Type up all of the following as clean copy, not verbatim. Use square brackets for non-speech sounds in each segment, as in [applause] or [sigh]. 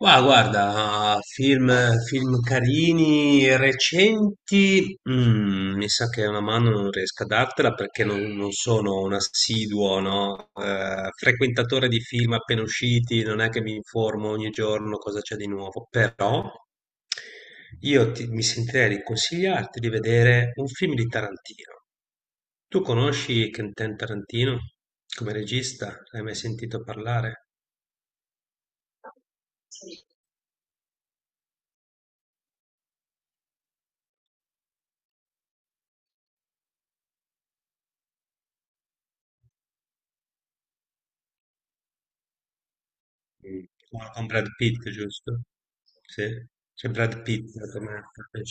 Ma guarda, film, film carini, recenti, mi sa che una mano non riesco a dartela perché non sono un assiduo, no? Frequentatore di film appena usciti, non è che mi informo ogni giorno cosa c'è di nuovo, però mi sentirei di consigliarti di vedere un film di Tarantino. Tu conosci Quentin Tarantino come regista? L'hai mai sentito parlare? Mm. Con Brad Pitt, giusto? Sì, c'è Brad Pitt come attore.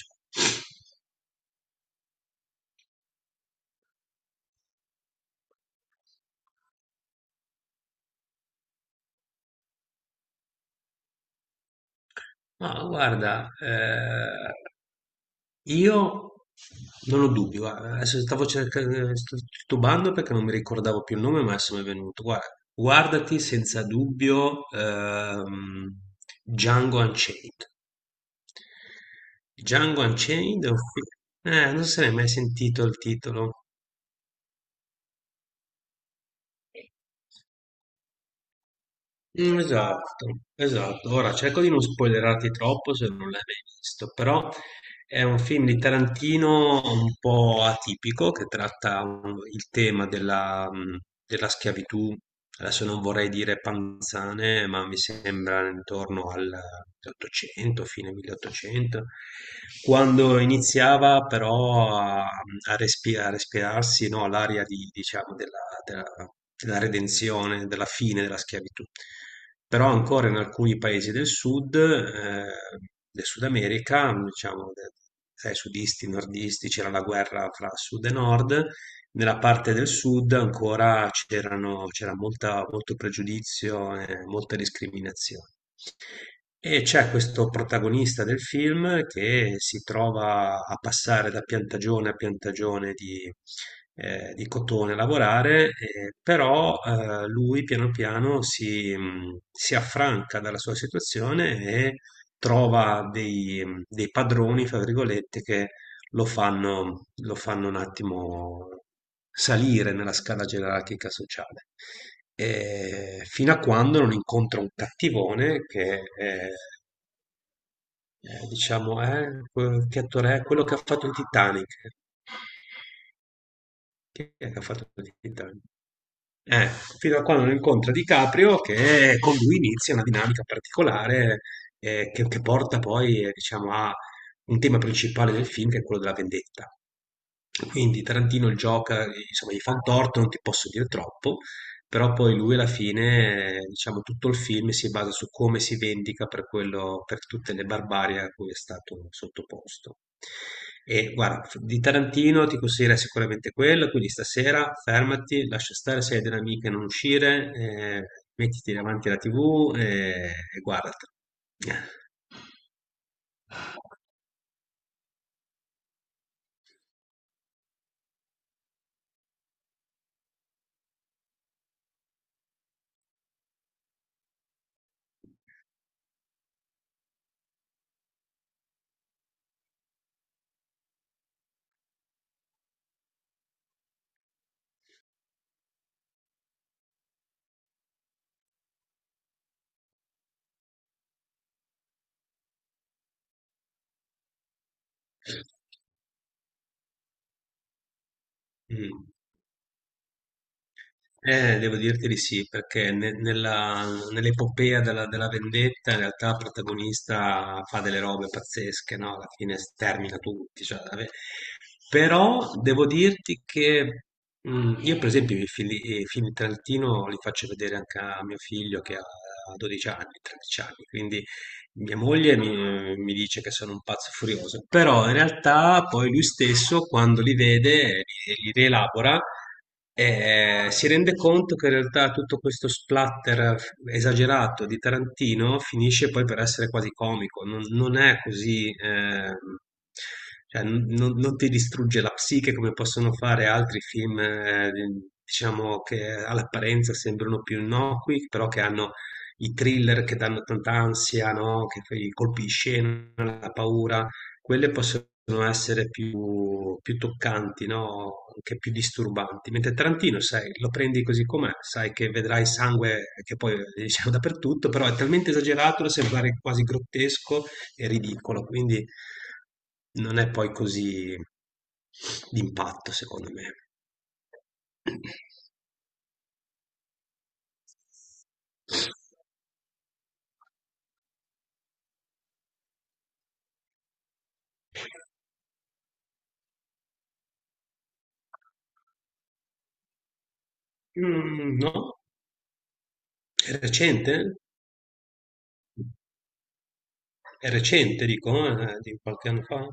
No, guarda, io non ho dubbi, guarda, adesso stavo cercando, sto titubando perché non mi ricordavo più il nome, ma adesso mi è venuto. Guarda, guardati senza dubbio Django Unchained. Django Unchained, non se ne è mai sentito il titolo. Mm, esatto, esatto. Ora cerco di non spoilerarti troppo se non l'hai mai visto, però è un film di Tarantino un po' atipico che tratta il tema della, della schiavitù. Adesso non vorrei dire panzane, ma mi sembra intorno al 1800, fine 1800, quando iniziava però a respirarsi, no, l'aria di, diciamo, della redenzione, della fine della schiavitù. Però ancora in alcuni paesi del Sud America, tra i sudisti e i nordisti c'era la guerra fra sud e nord, nella parte del sud molto pregiudizio e molte discriminazioni. E c'è questo protagonista del film che si trova a passare da piantagione a piantagione di cotone a lavorare, però lui piano piano si affranca dalla sua situazione e trova dei, dei padroni, fra virgolette, che lo fanno un attimo salire nella scala gerarchica sociale. E fino a quando non incontra un cattivone diciamo, che attore è quello che ha fatto il Titanic. Chi è che ha fatto il Titanic? Eh, fino a quando non incontra DiCaprio che con lui inizia una dinamica particolare che porta poi, diciamo, a un tema principale del film che è quello della vendetta. Quindi Tarantino gioca, insomma, gli fa un torto, non ti posso dire troppo, però poi lui alla fine, diciamo, tutto il film si basa su come si vendica per quello, per tutte le barbarie a cui è stato sottoposto. E guarda, di Tarantino ti consiglierei sicuramente quello, quindi stasera fermati, lascia stare se hai delle amiche non uscire, mettiti davanti alla TV e guardatelo. [laughs] Mm. Devo dirti di sì, nell'epopea della, della vendetta in realtà il protagonista fa delle robe pazzesche, no? Alla fine stermina tutti. Cioè, vabbè. Però devo dirti che io per esempio i film di Tarantino li faccio vedere anche a mio figlio che ha 12 anni, 13 anni, quindi mia moglie mi dice che sono un pazzo furioso, però in realtà poi lui stesso, quando li vede, li rielabora, si rende conto che in realtà tutto questo splatter esagerato di Tarantino finisce poi per essere quasi comico, non è così, cioè, non ti distrugge la psiche come possono fare altri film, diciamo che all'apparenza sembrano più innocui, però che hanno i thriller che danno tanta ansia, no? Che fai i colpi di scena, la paura, quelle possono essere più toccanti, no? Anche più disturbanti. Mentre Tarantino, sai, lo prendi così com'è, sai che vedrai sangue che poi diciamo dappertutto, però è talmente esagerato da sembrare quasi grottesco e ridicolo, quindi non è poi così d'impatto, secondo me. [clears throat] Mm, no? È recente? È recente, dico, di qualche anno fa.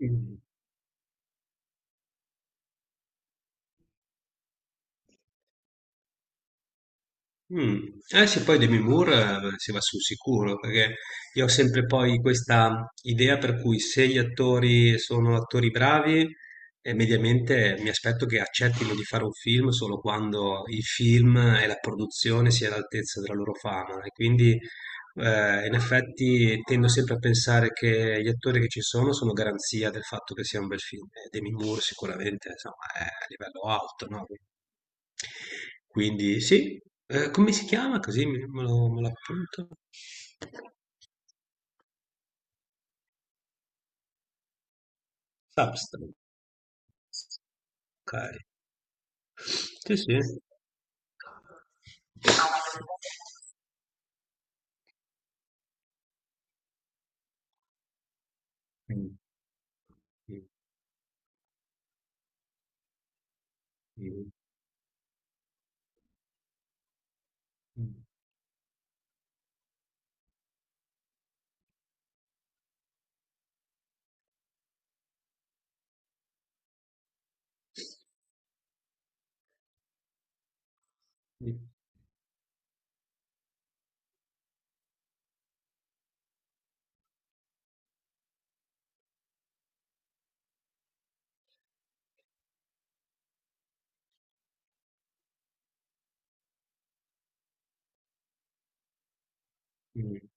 Mm. Mm. Eh sì, poi Demi Moore si va sul sicuro, perché io ho sempre poi questa idea per cui se gli attori sono attori bravi, mediamente mi aspetto che accettino di fare un film solo quando il film e la produzione sia all'altezza della loro fama. E quindi in effetti tendo sempre a pensare che gli attori che ci sono sono garanzia del fatto che sia un bel film. E Demi Moore sicuramente, insomma, è a livello alto, no? Quindi sì, come si chiama così me lo appunto? Substack. Okay. Sì, sì. Mh, mh, mh, mh, mh.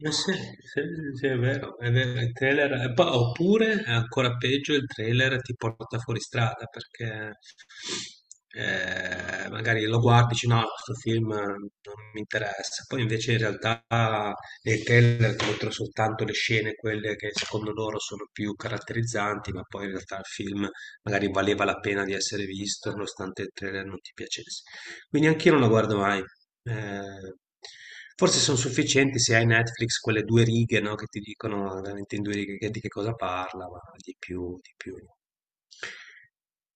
Ma sì, sì, è vero, il trailer, oppure è ancora peggio, il trailer ti porta fuori strada perché magari lo guardi e dici no, questo film non mi interessa, poi invece in realtà nel trailer ti mostrano soltanto le scene, quelle che secondo loro sono più caratterizzanti, ma poi in realtà il film magari valeva la pena di essere visto nonostante il trailer non ti piacesse. Quindi anch'io non lo guardo mai. Ehm, forse son sufficienti se hai Netflix quelle 2 righe, no, che ti dicono veramente in 2 righe che di che cosa parla, ma di più no.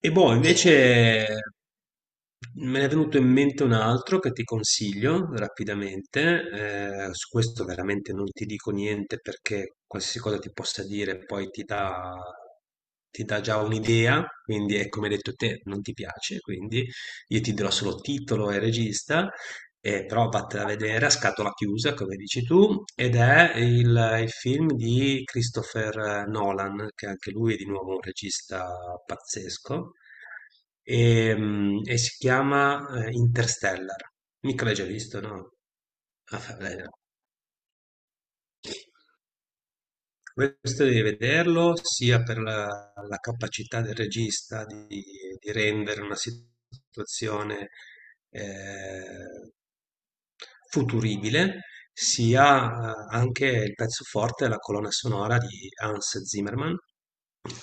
E boh, invece me ne è venuto in mente un altro che ti consiglio rapidamente, su questo veramente non ti dico niente perché qualsiasi cosa ti possa dire poi ti dà già un'idea, quindi è come hai detto te, non ti piace, quindi io ti dirò solo titolo e regista, e però vattene a vedere a scatola chiusa, come dici tu, ed è il film di Christopher Nolan, che anche lui è di nuovo un regista pazzesco, e, mm, e si chiama Interstellar. Mica l'hai già visto, no? Ah, vabbè, no. Questo devi vederlo sia per la, la capacità del regista di rendere una situazione eh, futuribile, sia anche il pezzo forte, la colonna sonora di Hans Zimmerman,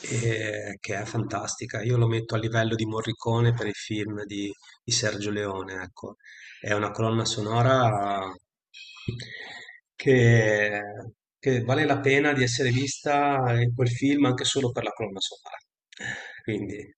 che è fantastica. Io lo metto a livello di Morricone per i film di Sergio Leone, ecco. È una colonna sonora che, che vale la pena di essere vista quel film anche solo per la colonna sonora. Quindi.